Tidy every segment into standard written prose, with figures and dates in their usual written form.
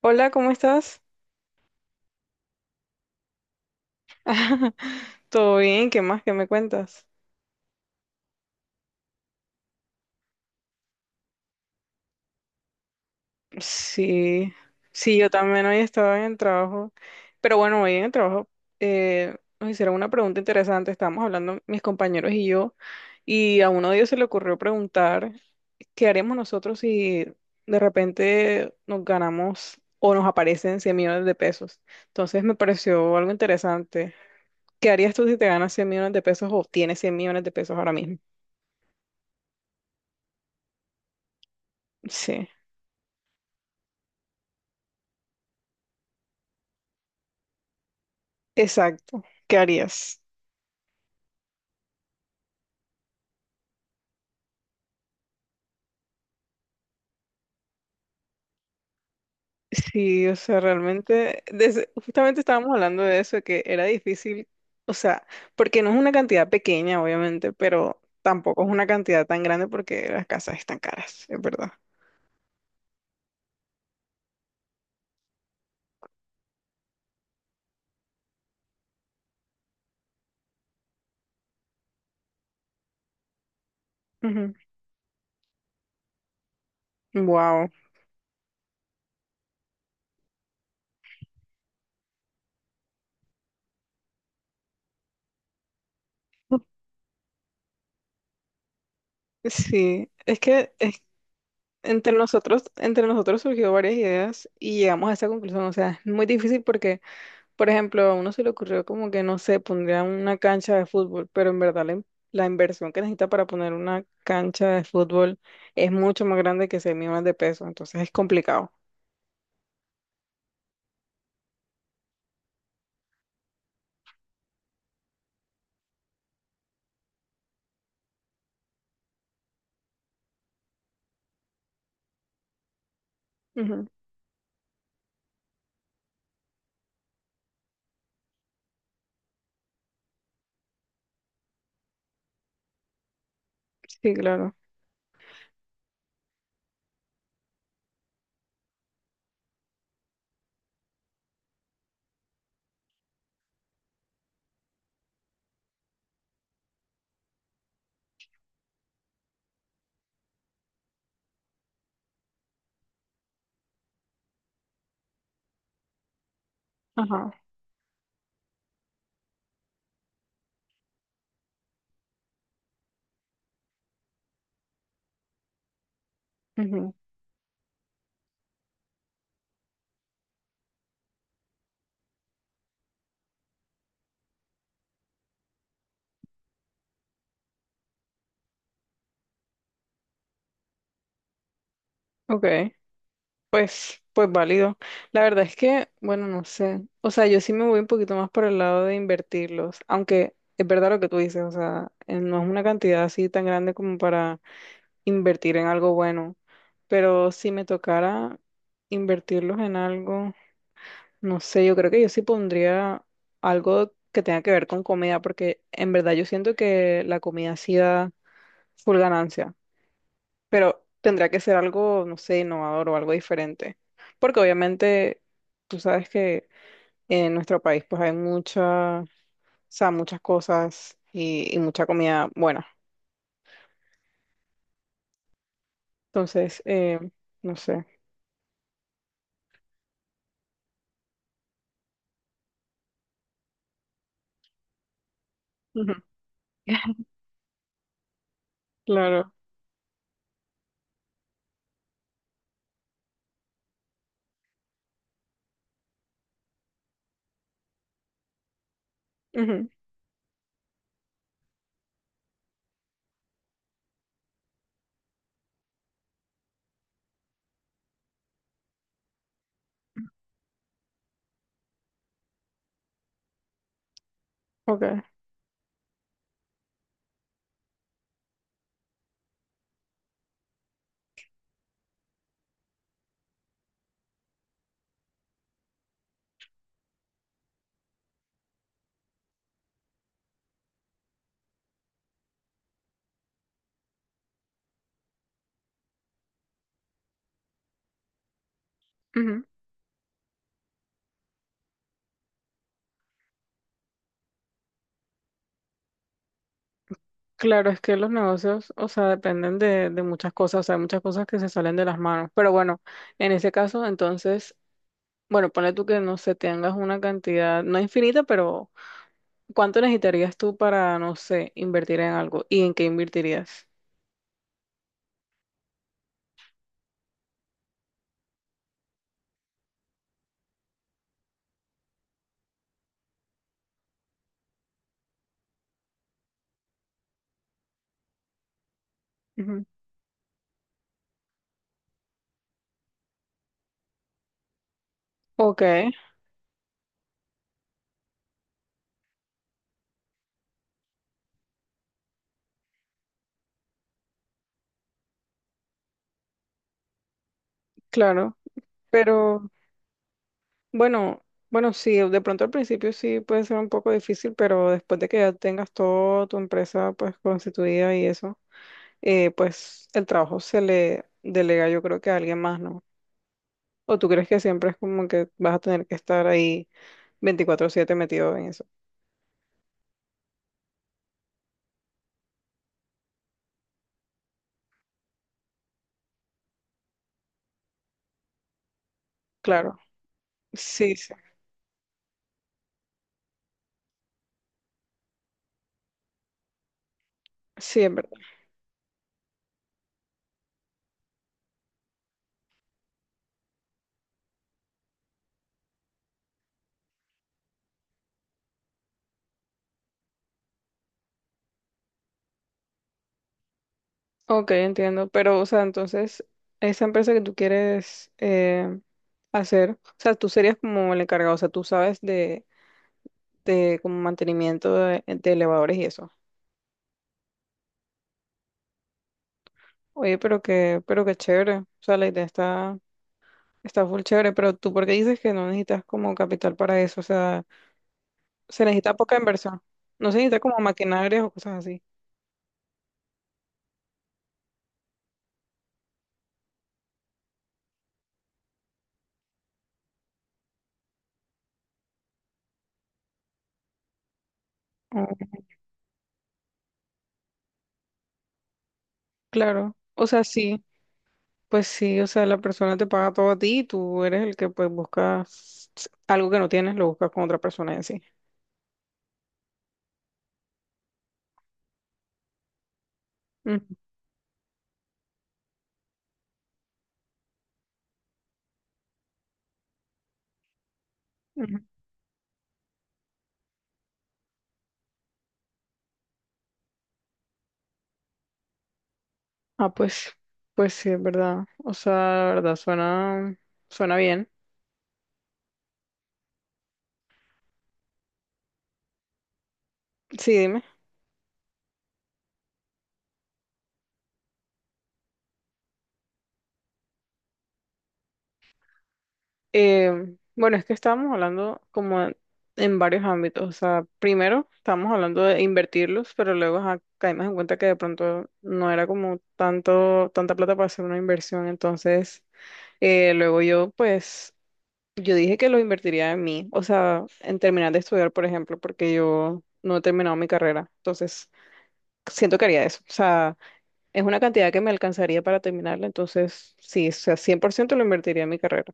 Hola, ¿cómo estás? ¿Todo bien? ¿Qué más? ¿Qué me cuentas? Sí, sí, yo también hoy estaba en el trabajo, pero bueno, hoy en el trabajo nos hicieron una pregunta interesante. Estábamos hablando mis compañeros y yo, y a uno de ellos se le ocurrió preguntar, ¿qué haremos nosotros si de repente nos ganamos o nos aparecen 100 millones de pesos? Entonces me pareció algo interesante. ¿Qué harías tú si te ganas 100 millones de pesos o tienes 100 millones de pesos ahora mismo? Sí. Exacto. ¿Qué harías? Sí, o sea, realmente, justamente estábamos hablando de eso, de que era difícil. O sea, porque no es una cantidad pequeña, obviamente, pero tampoco es una cantidad tan grande porque las casas están caras, es verdad. Wow. Sí, es que entre nosotros surgió varias ideas y llegamos a esta conclusión. O sea, es muy difícil porque... Por ejemplo, a uno se le ocurrió como que, no sé, pondría una cancha de fútbol, pero en verdad la inversión que necesita para poner una cancha de fútbol es mucho más grande que 6 millones de pesos, entonces es complicado. Ujú. Sí, claro. Ajá. Ujú. Ok, pues válido. La verdad es que, bueno, no sé. O sea, yo sí me voy un poquito más por el lado de invertirlos, aunque es verdad lo que tú dices. O sea, no es una cantidad así tan grande como para invertir en algo bueno, pero si me tocara invertirlos en algo, no sé, yo creo que yo sí pondría algo que tenga que ver con comida, porque en verdad yo siento que la comida sí da full ganancia, pero tendrá que ser algo, no sé, innovador o algo diferente, porque obviamente tú sabes que en nuestro país pues hay muchas, o sea, muchas cosas y mucha comida buena. Entonces, no sé. Ujú. Claro. Ujú. Ok. Ujú. Claro, es que los negocios, o sea, dependen de muchas cosas. O sea, hay muchas cosas que se salen de las manos. Pero bueno, en ese caso, entonces, bueno, ponle tú que, no sé, tengas una cantidad, no infinita, pero ¿cuánto necesitarías tú para, no sé, invertir en algo? ¿Y en qué invertirías? Ujú. Ok, claro, pero bueno, bueno, sí, de pronto al principio sí puede ser un poco difícil, pero después de que ya tengas toda tu empresa pues constituida y eso. Pues el trabajo se le delega yo creo que a alguien más, ¿no? ¿O tú crees que siempre es como que vas a tener que estar ahí 24/7 metido en eso? Claro, sí, sí, sí, es verdad. Ok, entiendo, pero o sea, entonces, esa empresa que tú quieres hacer. O sea, tú serías como el encargado. O sea, tú sabes de como mantenimiento de elevadores y eso. Oye, pero que, pero qué chévere. O sea, la idea está... Está full chévere, pero tú, ¿por qué dices que no necesitas como capital para eso? O sea, se necesita poca inversión. No se necesita como maquinarias o cosas así. Oh, claro. O sea, sí, pues sí. O sea, la persona te paga todo a ti y tú eres el que pues buscas algo que no tienes, lo buscas con otra persona en sí. Ujú, ujú. Ah, pues sí, es verdad. O sea, la verdad, suena bien. Sí, dime. Eh, bueno, es que estábamos hablando como en varios ámbitos. O sea, primero estábamos hablando de invertirlos, pero luego ajá, caímos en cuenta que de pronto no era como tanta plata para hacer una inversión. Entonces, luego yo, pues, yo dije que lo invertiría en mí. O sea, en terminar de estudiar, por ejemplo, porque yo no he terminado mi carrera. Entonces, siento que haría eso. O sea, es una cantidad que me alcanzaría para terminarla. Entonces, sí, o sea, 100% lo invertiría en mi carrera.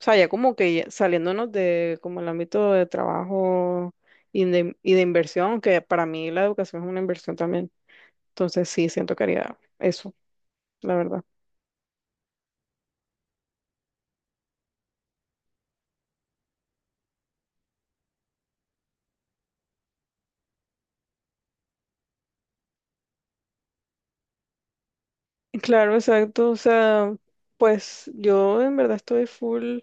O sea, ya como que ya saliéndonos de como el ámbito de trabajo y de inversión, que para mí la educación es una inversión también. Entonces sí, siento que haría eso, la verdad. Claro, exacto. O sea, pues yo en verdad estoy full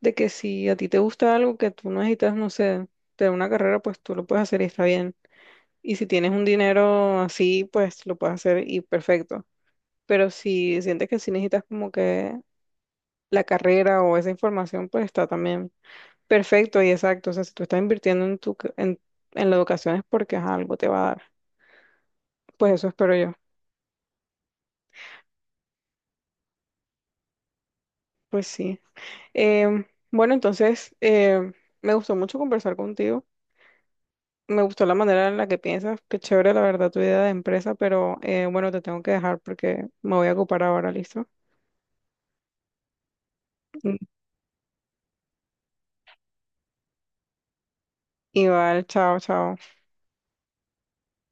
de que si a ti te gusta algo que tú no necesitas, no sé, de una carrera, pues tú lo puedes hacer y está bien. Y si tienes un dinero así, pues lo puedes hacer y perfecto. Pero si sientes que sí necesitas como que la carrera o esa información, pues está también. Perfecto y exacto. O sea, si tú estás invirtiendo en en la educación es porque ajá, algo te va a dar. Pues eso espero yo. Pues sí. Em, bueno, entonces me gustó mucho conversar contigo. Me gustó la manera en la que piensas. Qué chévere, la verdad, tu idea de empresa, pero bueno, te tengo que dejar porque me voy a ocupar ahora, ¿listo? Mm. Igual, chao, chao.